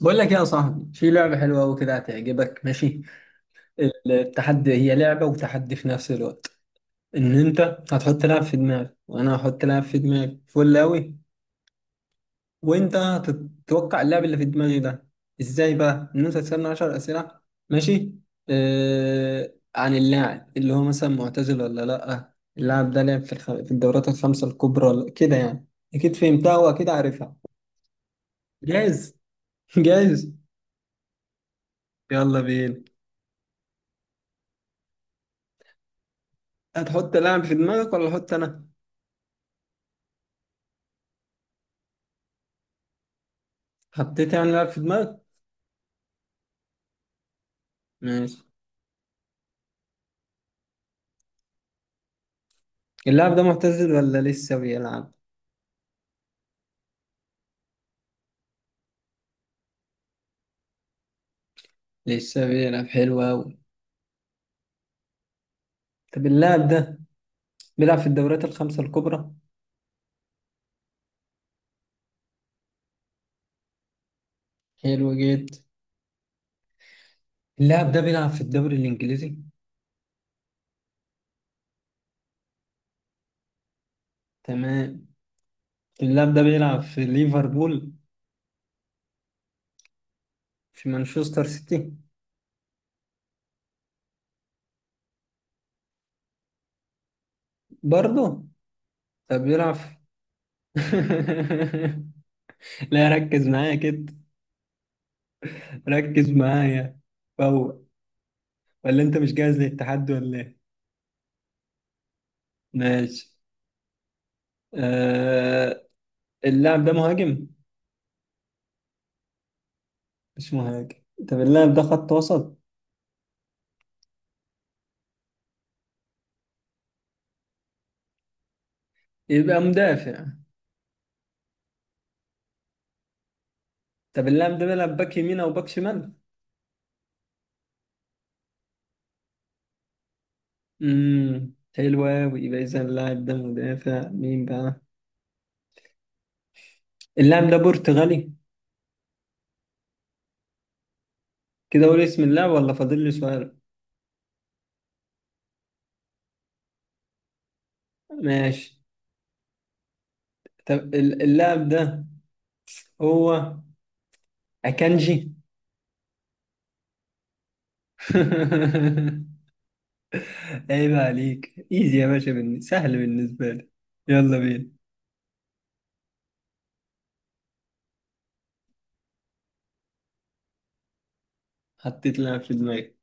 بقول لك يا صاحبي في لعبة حلوة وكده هتعجبك، ماشي. التحدي هي لعبة وتحدي في نفس الوقت. ان انت هتحط لعب في دماغك وانا هحط لعب في دماغي فل اوي. وانت هتتوقع اللعب اللي في دماغي ده ازاي؟ بقى ان انت تسألني 10 اسئلة، ماشي؟ عن اللاعب اللي هو مثلا معتزل ولا لا، اللاعب ده لعب في الدورات الخمسة الكبرى ولا كده يعني. اكيد فهمتها واكيد عارفها. جاهز؟ جاهز، يلا بينا. هتحط لاعب في دماغك ولا احط انا؟ حطيت يعني لاعب في دماغك؟ ماشي. اللاعب ده معتزل ولا لسه بيلعب؟ لسه بيلعب، حلو أوي. طب اللاعب ده بيلعب في الدوريات الخمسة الكبرى؟ حلو جدا. اللاعب ده بيلعب في الدوري الإنجليزي؟ تمام. اللاعب ده بيلعب في ليفربول؟ في مانشستر سيتي؟ برضه. طب بيلعب في... لا، ركز معايا كده، ركز معايا فوق. ولا انت مش جاهز للتحدي ولا ايه؟ ماشي. آه... اللاعب ده مهاجم؟ مش مهاجم. طب اللاعب ده خط وسط؟ يبقى مدافع. طب اللاعب ده بيلعب باك يمين او باك شمال؟ حلو قوي. يبقى اذا اللاعب ده مدافع، مين بقى؟ اللاعب ده برتغالي؟ كده اقول اسم اللاعب ولا فاضل لي سؤال؟ ماشي. طب اللاعب ده هو اكانجي. عيب عليك، ايزي يا باشا، سهل بالنسبه لي. يلا بينا. حطيت لاعب في دماغي.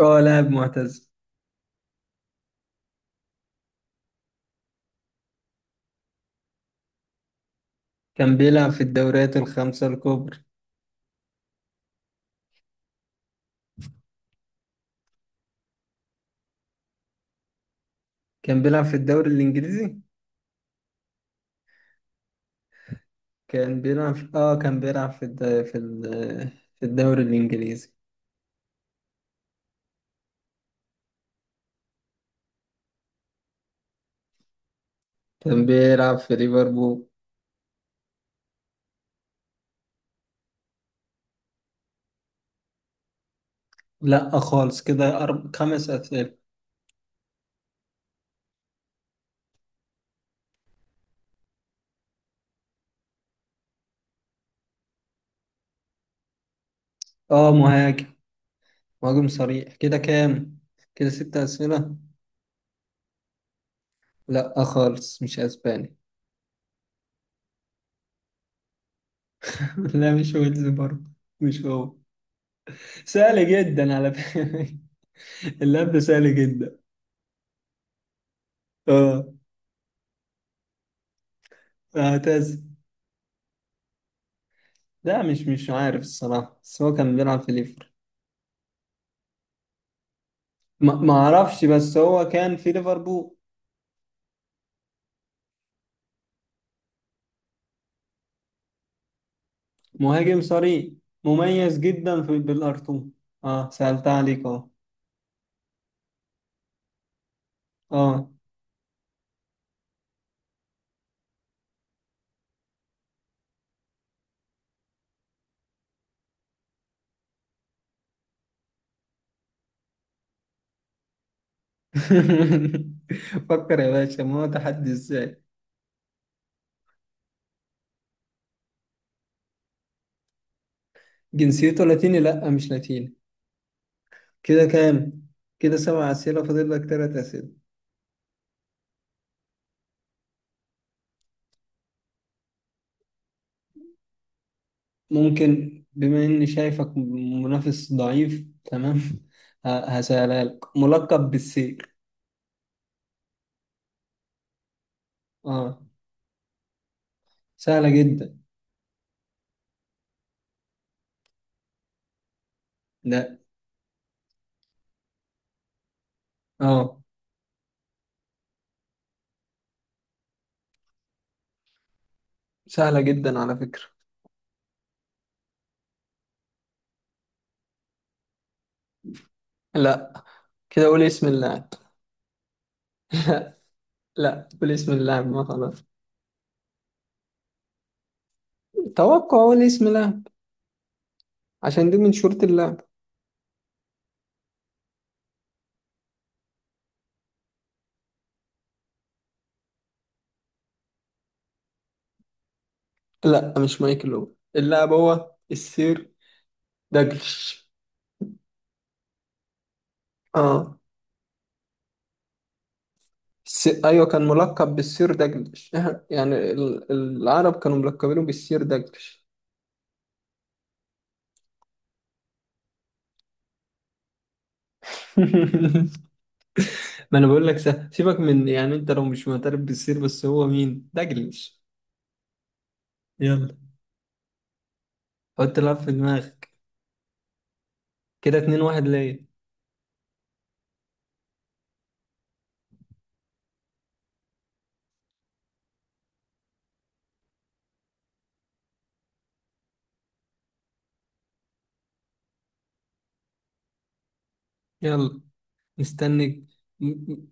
اه لاعب معتز. كان بيلعب في الدوريات الخمسه الكبرى. كان بيلعب في الدوري الإنجليزي. كان بيلعب في الد... في ال... في الدوري الإنجليزي. كان بيلعب في ليفربول. لا خالص. كده خمس أسئلة. آه مهاجم، مهاجم صريح. كده كام؟ كده ست أسئلة. لا خالص، مش أسباني. لا، مش ويلز برضه، مش هو. سهل جدا على فكرة. اللعب سهل جدا. آه. هتس. لا، مش عارف الصراحة، بس هو كان بيلعب في ليفربول. ما اعرفش، بس هو كان في ليفربول. مهاجم صريح، مميز جدا في بالارتو. اه سألت عليك اهو. اه. فكر يا باشا، ما هو تحدي ازاي. جنسيته لاتيني؟ لا، مش لاتيني. كده كام؟ كده سبع اسئله، فاضل لك ثلاث اسئله. ممكن، بما اني شايفك منافس ضعيف، تمام. ه- هسألها لك، ملقب بالسير. اه. سهله جدا. لا. اه. سهله جدا على فكره. لا. كده قول اسم اللاعب. لا لا، قول اسم اللاعب ما خلاص. توقع، قول اسم اللاعب، عشان دي من شروط اللاعب. لا، مش مايكل اوين. اللاعب هو السير داجلش. اه. ايوه، كان ملقب بالسير داجلش. يعني العرب كانوا ملقبينه بالسير داجلش. ما انا بقول لك، سيبك من يعني، انت لو مش معترف بالسير، بس هو مين داجلش؟ يلا، حط لعب في دماغك، كده اتنين واحد ليا. يلا، مستنك. م- م-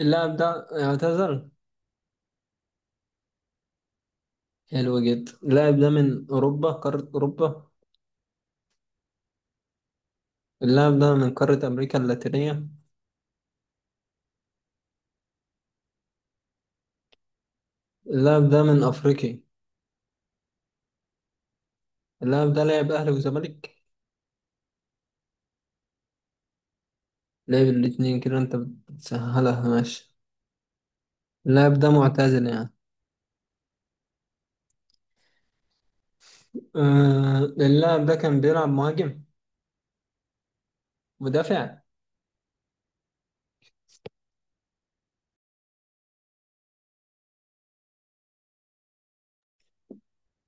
اللاعب ده اعتزل؟ حلو جدا. اللاعب ده من أوروبا، قارة أوروبا؟ اللاعب ده من قارة أمريكا اللاتينية؟ اللاعب ده من أفريقيا؟ اللاعب ده لعب أهلي وزمالك؟ لعب الاتنين؟ كده أنت بتسهلها، ماشي. اللاعب ده معتزل يعني. آه اللاعب ده كان بيلعب مهاجم؟ مدافع؟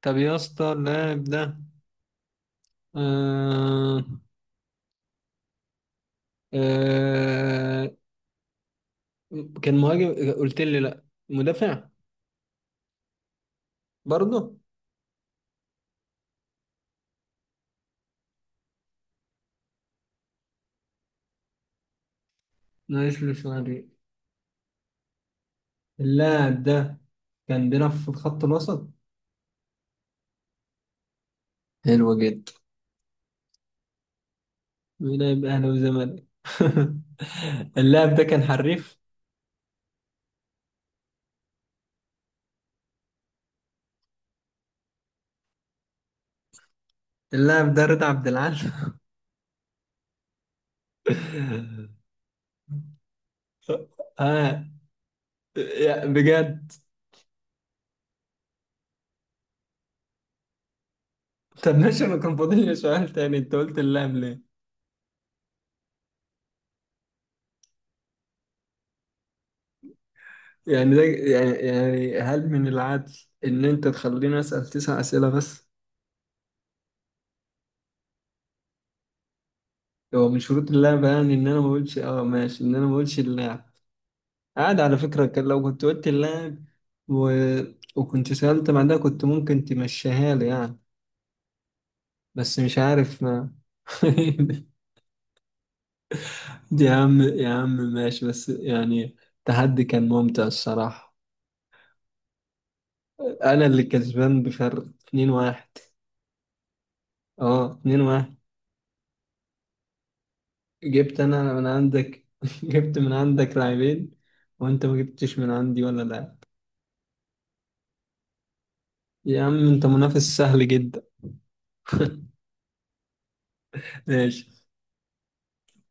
طب يا اسطى، اللاعب ده، آه آه كان مهاجم، قلت لي لأ، مدافع برضه. ناقص لي شوية. اللاعب ده كان بيلعب في الخط الوسط؟ حلو جدا. مين هيبقى أهلي وزمالك؟ اللاعب ده كان حريف. اللاعب ده رضا عبد العال؟ آه. بجد. طب ماشي، أنا كان فاضل لي سؤال تاني، أنت قلت اللاعب ليه؟ يعني ده يعني هل من العدل إن أنت تخليني أسأل تسع أسئلة بس؟ هو من شروط اللعبة يعني، إن أنا ما أقولش، آه ماشي، إن أنا ما أقولش اللاعب. عادي على فكرة، كان لو كنت قلت اللاعب و... وكنت سألت بعدها، كنت ممكن تمشيها لي يعني. بس مش عارف ما. دي يا عم، يا عم ماشي، بس يعني التحدي كان ممتع الصراحة. أنا اللي كسبان بفرق 2-1. اه 2-1. جبت أنا من عندك، جبت من عندك لاعبين، وأنت ما جبتش من عندي ولا لاعب. يا عم أنت منافس سهل جدا. ماشي.